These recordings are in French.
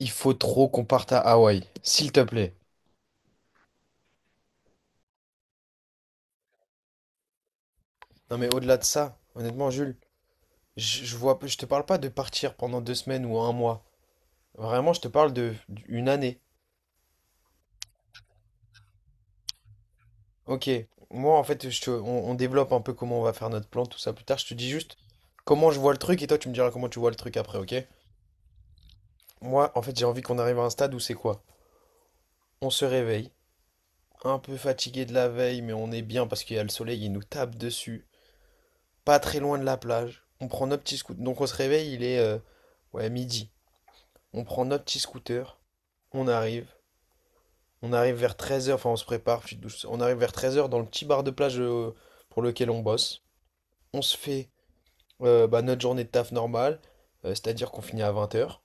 Il faut trop qu'on parte à Hawaï, s'il te plaît. Non mais au-delà de ça, honnêtement Jules, je te parle pas de partir pendant 2 semaines ou un mois. Vraiment, je te parle de une année. Ok, moi en fait, on développe un peu comment on va faire notre plan, tout ça plus tard. Je te dis juste comment je vois le truc et toi tu me diras comment tu vois le truc après, ok? Moi, en fait, j'ai envie qu'on arrive à un stade où c'est quoi? On se réveille, un peu fatigué de la veille, mais on est bien parce qu'il y a le soleil, il nous tape dessus. Pas très loin de la plage. On prend nos petits scouts. Donc on se réveille, il est ouais, midi. On prend notre petit scooter, on arrive, on arrive vers 13 heures, enfin, on se prépare. Petite On arrive vers 13 heures dans le petit bar de plage, pour lequel on bosse. On se fait, bah, notre journée de taf normale, c'est-à-dire qu'on finit à vingt heures.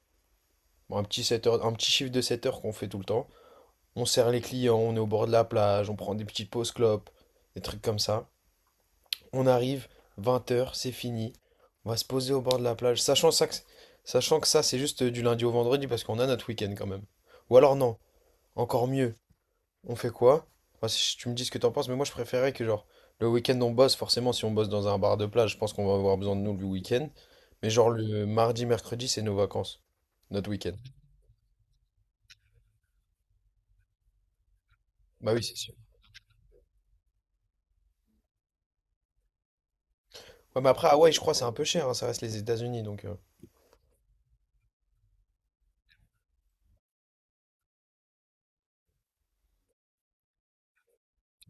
Bon, un petit chiffre de 7 heures qu'on fait tout le temps. On sert les clients, on est au bord de la plage, on prend des petites pauses clopes, des trucs comme ça. On arrive, 20 heures c'est fini. On va se poser au bord de la plage, sachant que ça c'est juste du lundi au vendredi parce qu'on a notre week-end quand même. Ou alors non, encore mieux, on fait quoi? Enfin, si tu me dis ce que t'en penses, mais moi je préférais que genre le week-end on bosse, forcément si on bosse dans un bar de plage, je pense qu'on va avoir besoin de nous le week-end. Mais genre le mardi, mercredi, c'est nos vacances. Notre week-end. Bah oui, c'est sûr. Ouais, mais après, Hawaï, je crois, c'est un peu cher, hein, ça reste les États-Unis, donc.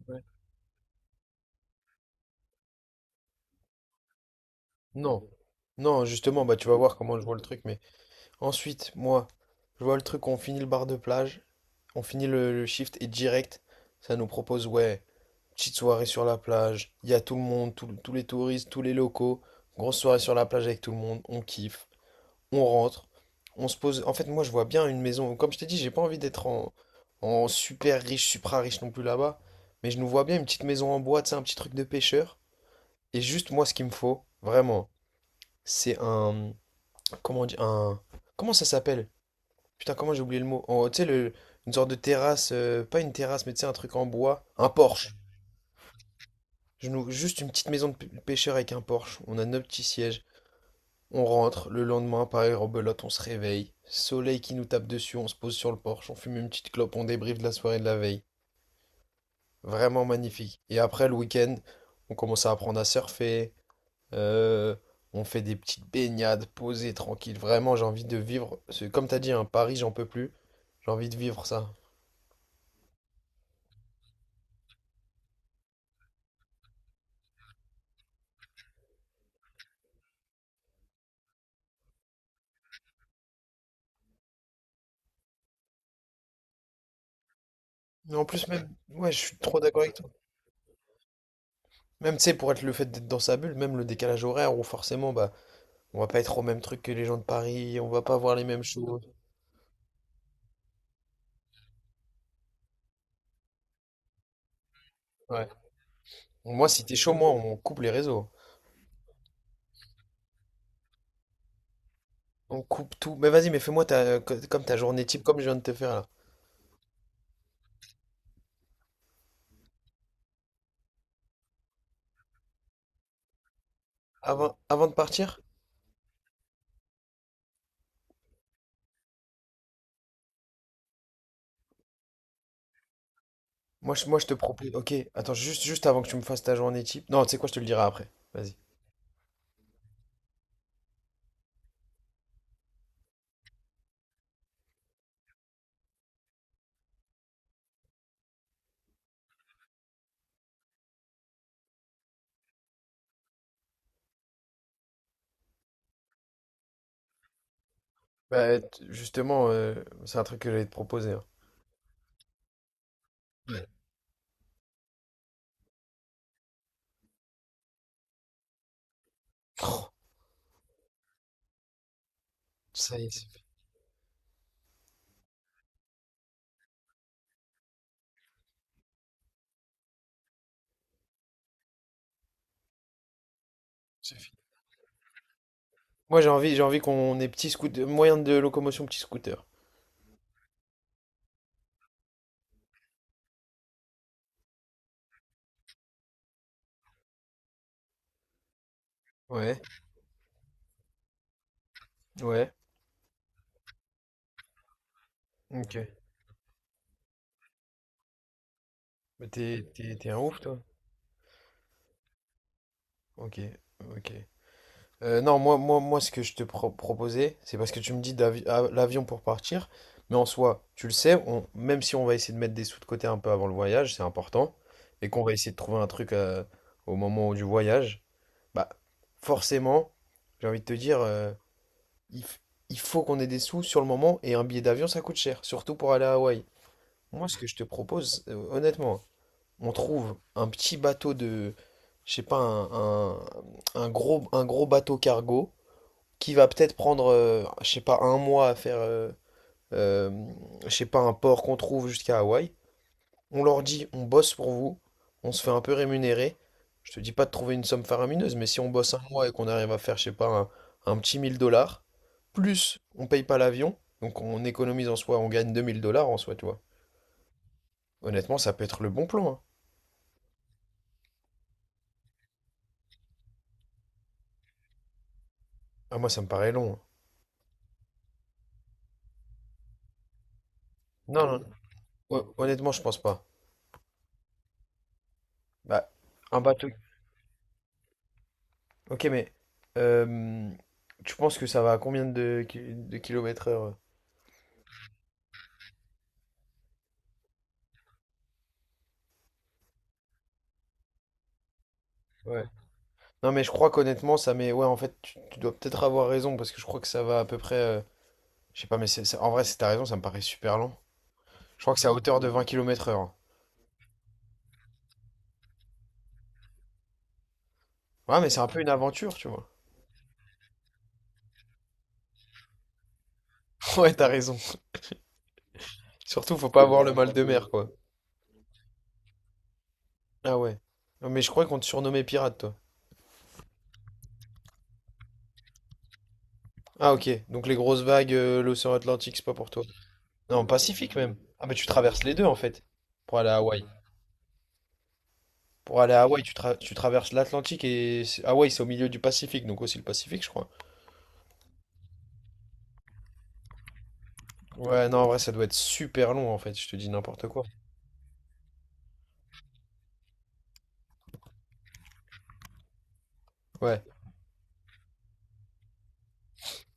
Ouais. Non. Non, justement, bah tu vas voir comment je vois le truc, mais ensuite, moi, je vois le truc, on finit le bar de plage, on finit le shift et direct, ça nous propose, ouais, petite soirée sur la plage, il y a tout le monde, tous les touristes, tous les locaux. Grosse soirée sur la plage avec tout le monde, on kiffe, on rentre, on se pose. En fait, moi, je vois bien une maison. Comme je t'ai dit, j'ai pas envie d'être en super riche, supra riche non plus là-bas. Mais je nous vois bien une petite maison en bois, tu sais, un petit truc de pêcheur. Et juste, moi, ce qu'il me faut, vraiment, c'est un. Comment on dit? Un. Comment ça s'appelle? Putain, comment j'ai oublié le mot? Tu sais, une sorte de terrasse, pas une terrasse, mais tu sais, un truc en bois. Un porche. Je loue juste une petite maison de pêcheur avec un Porsche. On a nos petits sièges. On rentre. Le lendemain, pareil, rebelote, on se réveille. Soleil qui nous tape dessus, on se pose sur le Porsche. On fume une petite clope, on débriefe de la soirée de la veille. Vraiment magnifique. Et après, le week-end, on commence à apprendre à surfer. euh, on fait des petites baignades, posées, tranquilles. Vraiment, j'ai envie de vivre. Comme t'as dit, hein, Paris, j'en peux plus. J'ai envie de vivre ça. Mais en plus, même, ouais, je suis trop d'accord avec toi. Même, tu sais, pour être le fait d'être dans sa bulle, même le décalage horaire où forcément, bah, on va pas être au même truc que les gens de Paris, on va pas voir les mêmes choses. Ouais. Moi, si t'es chaud, moi, on coupe les réseaux. On coupe tout. Mais vas-y, mais fais-moi comme ta journée type, comme je viens de te faire là. Avant de partir, moi, je te propose. Ok, attends, juste avant que tu me fasses ta journée type. Non, tu sais quoi, je te le dirai après. Vas-y. Bah, justement, c'est un truc que j'allais te proposer, hein. Ouais. Oh, ça y est, c'est fait, c'est fini. Moi, j'ai envie qu'on ait petit scooter, moyen de locomotion, petit scooter. Ouais, ouais, ok. Mais t'es un ouf, toi? Ok, ok. Non, moi, ce que je te proposais, c'est parce que tu me dis l'avion pour partir, mais en soi, tu le sais, même si on va essayer de mettre des sous de côté un peu avant le voyage, c'est important, et qu'on va essayer de trouver un truc, au moment du voyage, bah, forcément, j'ai envie de te dire, il, f- il faut qu'on ait des sous sur le moment, et un billet d'avion, ça coûte cher, surtout pour aller à Hawaï. Moi, ce que je te propose, honnêtement, on trouve un petit bateau de, je sais pas, un gros bateau cargo qui va peut-être prendre, je sais pas, un mois à faire, euh, je sais pas, un port qu'on trouve jusqu'à Hawaï. On leur dit, on bosse pour vous, on se fait un peu rémunérer. Je te dis pas de trouver une somme faramineuse, mais si on bosse un mois et qu'on arrive à faire, je sais pas, un petit 1 000 dollars, plus on paye pas l'avion, donc on économise en soi, on gagne 2 000 dollars en soi, tu vois. Honnêtement, ça peut être le bon plan, hein. Ah, moi, ça me paraît long, hein. Non, non, honnêtement, je pense pas. Bah, un bateau. Ok, mais euh, tu penses que ça va à combien de kilomètres heure? Ouais. Non, mais je crois qu'honnêtement, ça met. Ouais, en fait, tu dois peut-être avoir raison parce que je crois que ça va à peu près. Je sais pas, mais en vrai, si t'as raison, ça me paraît super lent. Je crois que c'est à hauteur de 20 km/h. Ouais, mais c'est un peu une aventure, tu vois. Ouais, t'as raison. Surtout, faut pas avoir le mal de mer, quoi. Ah ouais. Non, mais je crois qu'on te surnommait pirate, toi. Ah ok, donc les grosses vagues, l'océan Atlantique, c'est pas pour toi. Non, Pacifique même. Ah, mais tu traverses les deux en fait pour aller à Hawaï. Pour aller à Hawaï, tu traverses l'Atlantique et Hawaï, c'est au milieu du Pacifique, donc aussi le Pacifique, je crois. Ouais, non, en vrai, ça doit être super long, en fait, je te dis n'importe quoi. Ouais.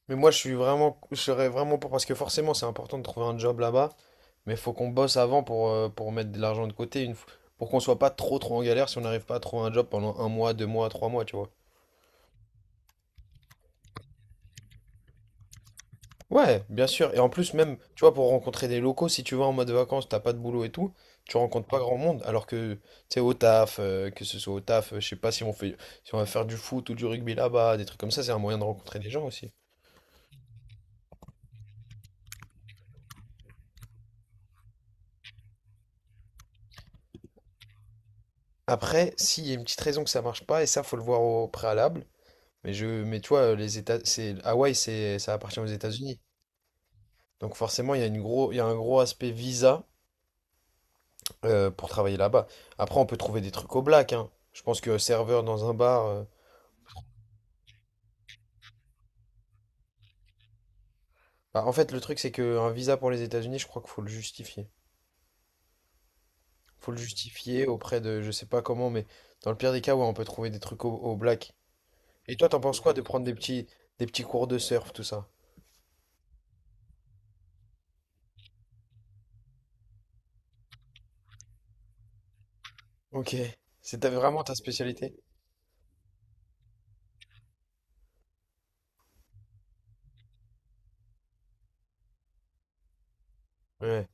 Mais moi, je serais vraiment pour, parce que forcément, c'est important de trouver un job là-bas, mais faut qu'on bosse avant pour mettre de l'argent de côté, pour qu'on soit pas trop, trop en galère si on n'arrive pas à trouver un job pendant un mois, deux mois, trois mois, tu vois. Ouais, bien sûr. Et en plus, même, tu vois, pour rencontrer des locaux, si tu vas en mode vacances, t'as pas de boulot et tout, tu rencontres pas grand monde. Alors que, tu sais, que ce soit au taf, je sais pas si on va faire du foot ou du rugby là-bas, des trucs comme ça, c'est un moyen de rencontrer des gens aussi. Après, s'il y a une petite raison que ça marche pas, et ça, faut le voir au préalable. Mais tu vois, Hawaï, ça appartient aux États-Unis. Donc forcément, il y a une gros, il y a un gros aspect visa, pour travailler là-bas. Après, on peut trouver des trucs au black, hein. Je pense que serveur dans un bar. Bah, en fait, le truc, c'est qu'un visa pour les États-Unis, je crois qu'il faut le justifier. Faut le justifier auprès de, je sais pas comment, mais dans le pire des cas, ouais, on peut trouver des trucs au black. Et toi, t'en penses quoi de prendre des petits cours de surf, tout ça? Ok. Vraiment ta spécialité? Ouais.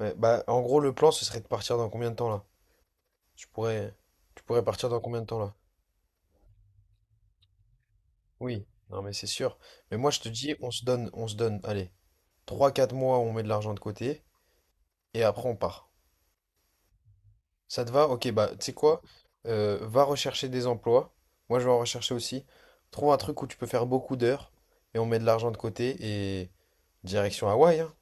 Ouais. Bah, en gros, le plan, ce serait de partir dans combien de temps, là? Tu pourrais, tu pourrais partir dans combien de temps, là? Oui. Non, mais c'est sûr. Mais moi, je te dis, on se donne, allez, 3, 4 mois, on met de l'argent de côté, et après, on part. Ça te va? Ok, bah, tu sais quoi? Va rechercher des emplois. Moi, je vais en rechercher aussi. Trouve un truc où tu peux faire beaucoup d'heures et on met de l'argent de côté et direction Hawaï, hein.